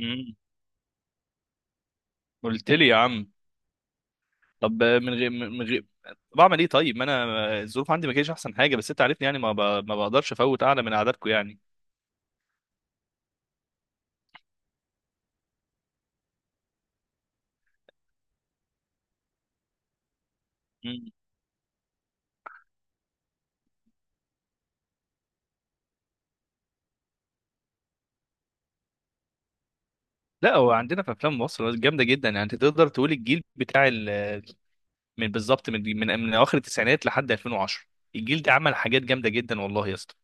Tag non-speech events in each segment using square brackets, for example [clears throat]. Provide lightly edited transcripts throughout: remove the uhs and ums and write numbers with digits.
مم. قلت لي يا عم. طب من غير بعمل ايه طيب؟ ما انا الظروف عندي ما كانتش احسن حاجه، بس انت عارفني يعني ما بقدرش افوت اعلى من قعداتكم يعني. مم. لا، هو عندنا في افلام مصر جامده جدا، يعني انت تقدر تقول الجيل بتاع من بالظبط من اواخر التسعينات لحد 2010. الجيل ده عمل حاجات جامده جدا والله يا اسطى.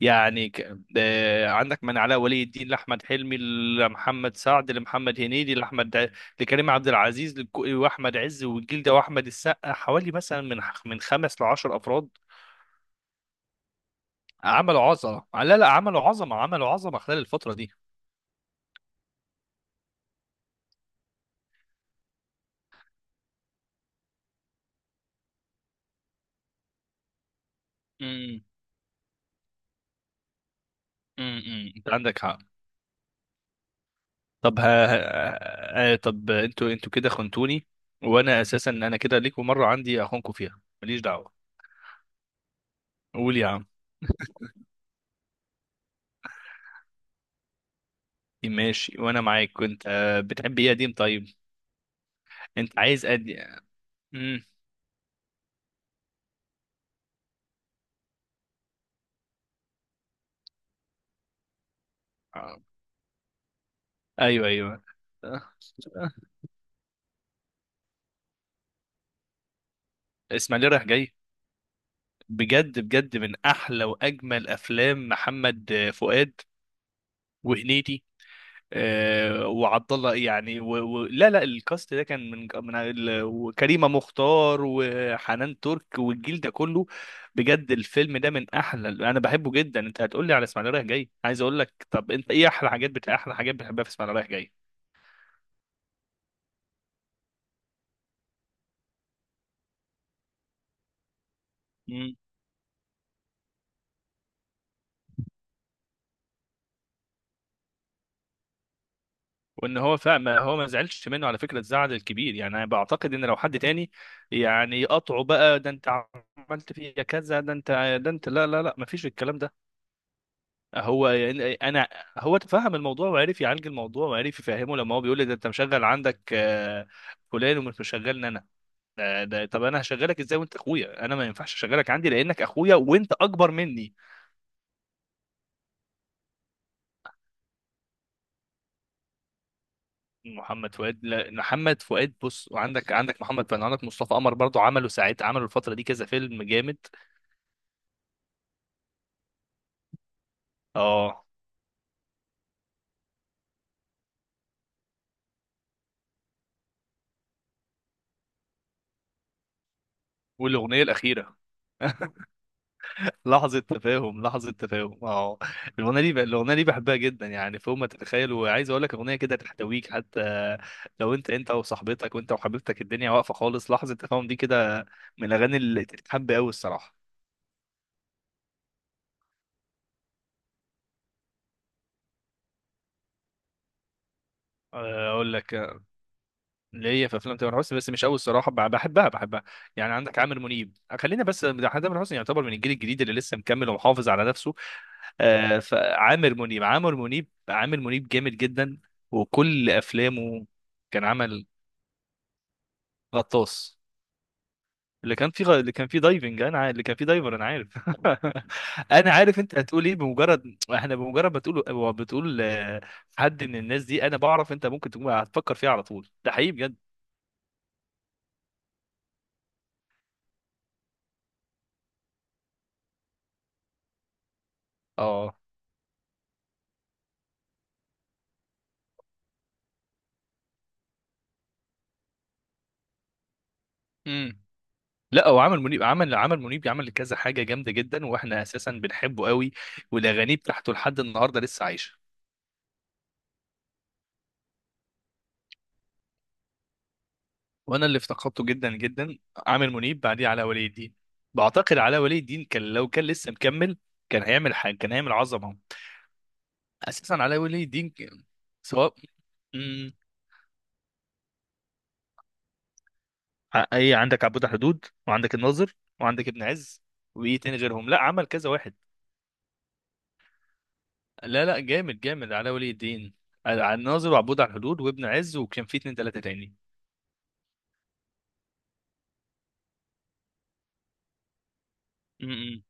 يعني ك... آه، عندك من علاء ولي الدين لاحمد حلمي لمحمد سعد لمحمد هنيدي لكريم عبد العزيز واحمد عز والجلده واحمد السقا، حوالي مثلا من خمس لـ10 افراد. عملوا عظمه، لا لا، عملوا عظمه عملوا عظمه خلال الفتره دي. امم. انت عندك حق. طب ها ها- آه، طب انتوا كده خنتوني، وانا اساسا انا كده ليكوا مره عندي اخونكوا فيها، ماليش دعوه. قول يا عم. ماشي وانا معاك. كنت بتحب ايه يا قديم؟ طيب، انت عايز ادي. امم. ايوه ايوه. آه. آه. اسماعيليه رايح جاي، بجد بجد من احلى واجمل افلام محمد فؤاد وهنيدي وعبد الله، يعني لا لا، الكاست ده كان من وكريمه مختار وحنان ترك والجيل ده كله. بجد الفيلم ده من احلى، انا بحبه جدا. انت هتقول لي على اسماعيليه رايح جاي، عايز اقول لك طب انت ايه احلى حاجات احلى حاجات بتحبها في اسماعيليه رايح جاي؟ وان هو فاهم، ما هو ما زعلش منه على فكره الزعل الكبير، يعني انا بعتقد ان لو حد تاني يعني يقطعه بقى، ده انت عملت فيا كذا، ده انت، ده انت، لا لا لا، ما فيش الكلام ده. هو يعني انا هو تفهم الموضوع وعرف يعالج الموضوع وعرف يفهمه، لما هو بيقول لي ده انت مشغل عندك فلان ومش مشغلني انا. ده طب انا هشغلك ازاي وانت اخويا؟ انا ما ينفعش اشغلك عندي لانك اخويا وانت اكبر مني. محمد فؤاد، لا محمد فؤاد بص، وعندك محمد فؤاد، عندك مصطفى قمر برضو. عملوا ساعات، عملوا الفترة دي كذا فيلم جامد. اه. والأغنية الأخيرة. [laughs] لحظة تفاهم، لحظة تفاهم، اه. الأغنية دي بحبها جدا، يعني فوق ما تتخيل، وعايز أقول لك أغنية كده تحتويك. حتى لو أنت وصاحبتك، وأنت وحبيبتك، الدنيا واقفة خالص، لحظة تفاهم دي كده من الأغاني اللي تتحب أوي الصراحة. أقول لك، ليا في افلام تامر حسني بس مش قوي الصراحه، بحبها بحبها. يعني عندك عامر منيب، خلينا بس ده تامر حسني يعتبر من الجيل الجديد اللي لسه مكمل ومحافظ على نفسه. فعامر منيب، عامر منيب، عامر منيب جامد جدا وكل افلامه. كان عمل غطاس، اللي كان فيه اللي كان فيه دايفنج، انا عارف، اللي كان فيه دايفر، انا عارف. [laughs] انا عارف انت هتقول ايه، بمجرد ما تقول بتقول حد من الناس دي انا بعرف، انت ممكن تكون هتفكر فيها على طول، ده حقيقي بجد. اه. امم. لا، هو عمل منيب، عمل منيب، عمل كذا حاجه جامده جدا، واحنا اساسا بنحبه قوي. والاغاني بتاعته لحد النهارده لسه عايشه، وانا اللي افتقدته جدا جدا. عامر منيب، بعديه علاء ولي الدين. بعتقد علاء ولي الدين كان، لو كان لسه مكمل كان هيعمل حاجه، كان هيعمل عظمه. اساسا علاء ولي الدين سواء. مم. ايه، عندك عبود حدود، وعندك الناظر، وعندك ابن عز، وايه تاني غيرهم؟ لا، عمل كذا واحد، لا لا، جامد جامد علاء ولي الدين. الناظر وعبود على الحدود وابن عز، وكان في اتنين تلاته تاني.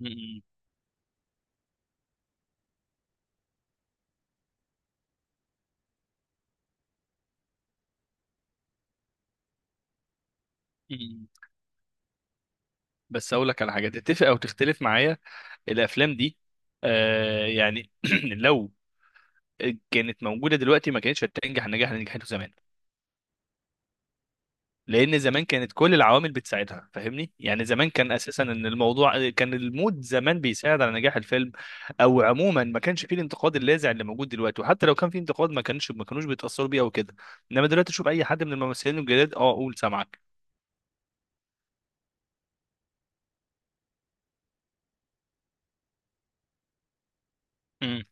م- م- م. بس اقول لك على حاجه تتفق او تختلف معايا، الافلام دي آه يعني [clears throat] لو كانت موجوده دلوقتي، ما كانتش هتنجح النجاح اللي نجحته زمان، لان زمان كانت كل العوامل بتساعدها، فاهمني؟ يعني زمان كان اساسا ان الموضوع كان المود زمان بيساعد على نجاح الفيلم، او عموما ما كانش فيه الانتقاد اللاذع اللي موجود دلوقتي، وحتى لو كان فيه انتقاد ما كانش ما كانوش بيتاثروا بيه او كده. انما دلوقتي، شوف اي حد من الممثلين الجداد، اه قول سامعك. م.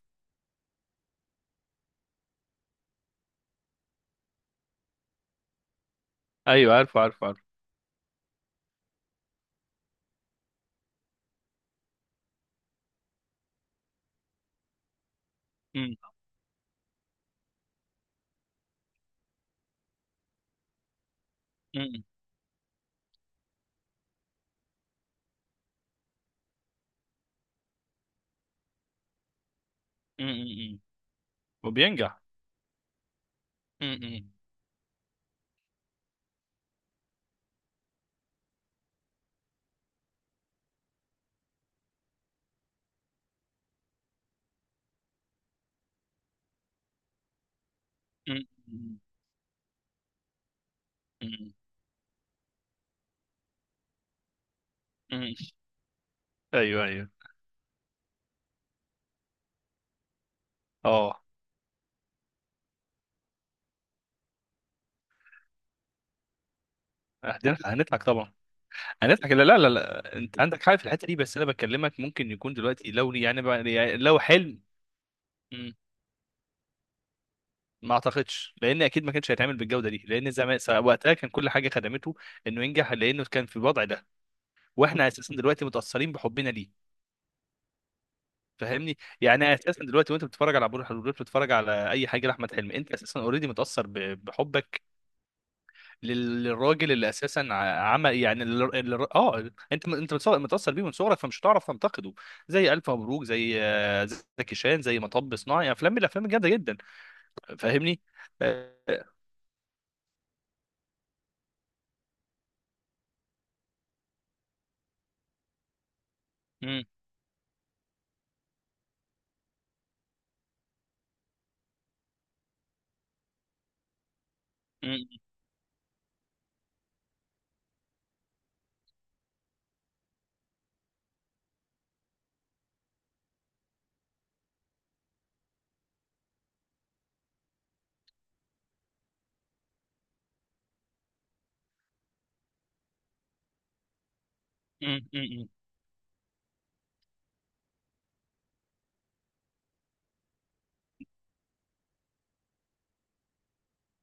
ايوه عارفه عارفه عارفه. م- م- م- م- م. وبينجح. امم. امم. امم. امم. ايوه ايوه اه. هنضحك هنضحك طبعا. هنضحك، لا لا لا لا. انت عندك حاجه في الحته دي، بس انا بكلمك ممكن يكون دلوقتي لو لي يعني, بقى- يعني لو حلم. مم. ما اعتقدش، لان اكيد ما كانش هيتعمل بالجوده دي، لان زمان وقتها كان كل حاجه خدمته انه ينجح، لانه كان في الوضع ده، واحنا اساسا دلوقتي متاثرين بحبنا ليه. فاهمني؟ يعني اساسا دلوقتي وانت بتتفرج على عبود الحلول، بتتفرج على اي حاجه لاحمد حلمي، انت اساسا اوريدي متاثر بحبك للراجل اللي اساسا عمل يعني انت انت متاثر بيه من صغرك، فمش هتعرف تنتقده. زي الف مبروك، زي زكي شان، زي مطب صناعي، افلام من الافلام الجامده جدا. فاهمني. آه، مم، مم، مم، مم، مم.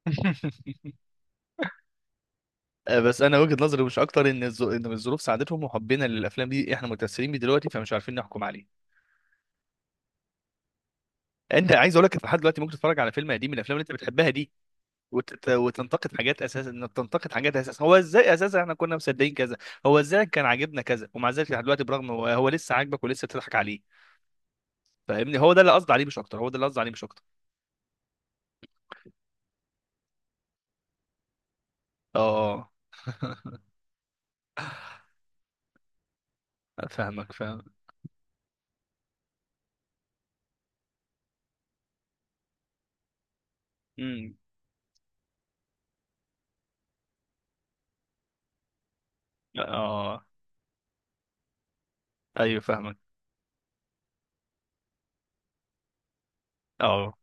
[laughs] بس انا وجهه نظري مش اكتر ان الظروف ساعدتهم، وحبنا للافلام دي احنا متاثرين بيه دلوقتي، فمش عارفين نحكم عليه. انت عايز اقول لك، لحد دلوقتي ممكن تتفرج على فيلم قديم من الافلام اللي انت بتحبها دي وتنتقد حاجات، اساسا انك تنتقد حاجات، اساسا هو ازاي اساسا احنا كنا مصدقين كذا، هو ازاي كان عاجبنا كذا، ومع ذلك لحد دلوقتي برغم هو لسه عاجبك ولسه بتضحك عليه. فاهمني؟ هو ده اللي قصدي عليه مش اكتر، هو ده اللي قصدي عليه مش اكتر. اه. [laughs] فاهمك فاهم. امم. اه. ايوه فاهمك. اه.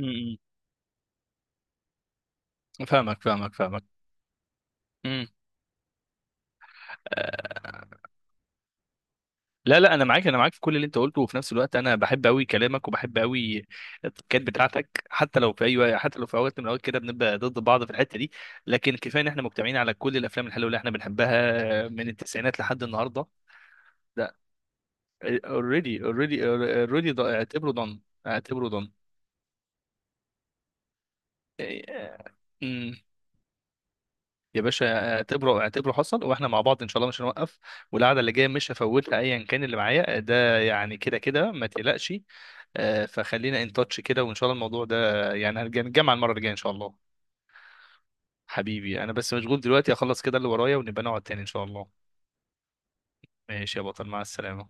امم. فاهمك فاهمك فاهمك. امم. لا لا، انا معاك، انا معاك في كل اللي انت قلته، وفي نفس الوقت انا بحب قوي كلامك، وبحب قوي التكات بتاعتك. حتى لو في اوقات من الاوقات كده بنبقى ضد بعض في الحته دي، لكن كفايه ان احنا مجتمعين على كل الافلام الحلوه اللي احنا بنحبها من التسعينات لحد النهارده. لا، اوريدي اوريدي اوريدي، اعتبره دون، اعتبره دون. يا باشا، اعتبره اعتبره حصل، واحنا مع بعض ان شاء الله مش هنوقف. والقعده اللي جايه مش هفوتها، ايا كان اللي معايا ده، يعني كده كده، ما تقلقش. فخلينا ان تاتش كده، وان شاء الله الموضوع ده، يعني هنرجع نتجمع المره الجايه ان شاء الله. حبيبي، انا بس مشغول دلوقتي، اخلص كده اللي ورايا ونبقى نقعد تاني ان شاء الله. ماشي يا بطل، مع السلامه.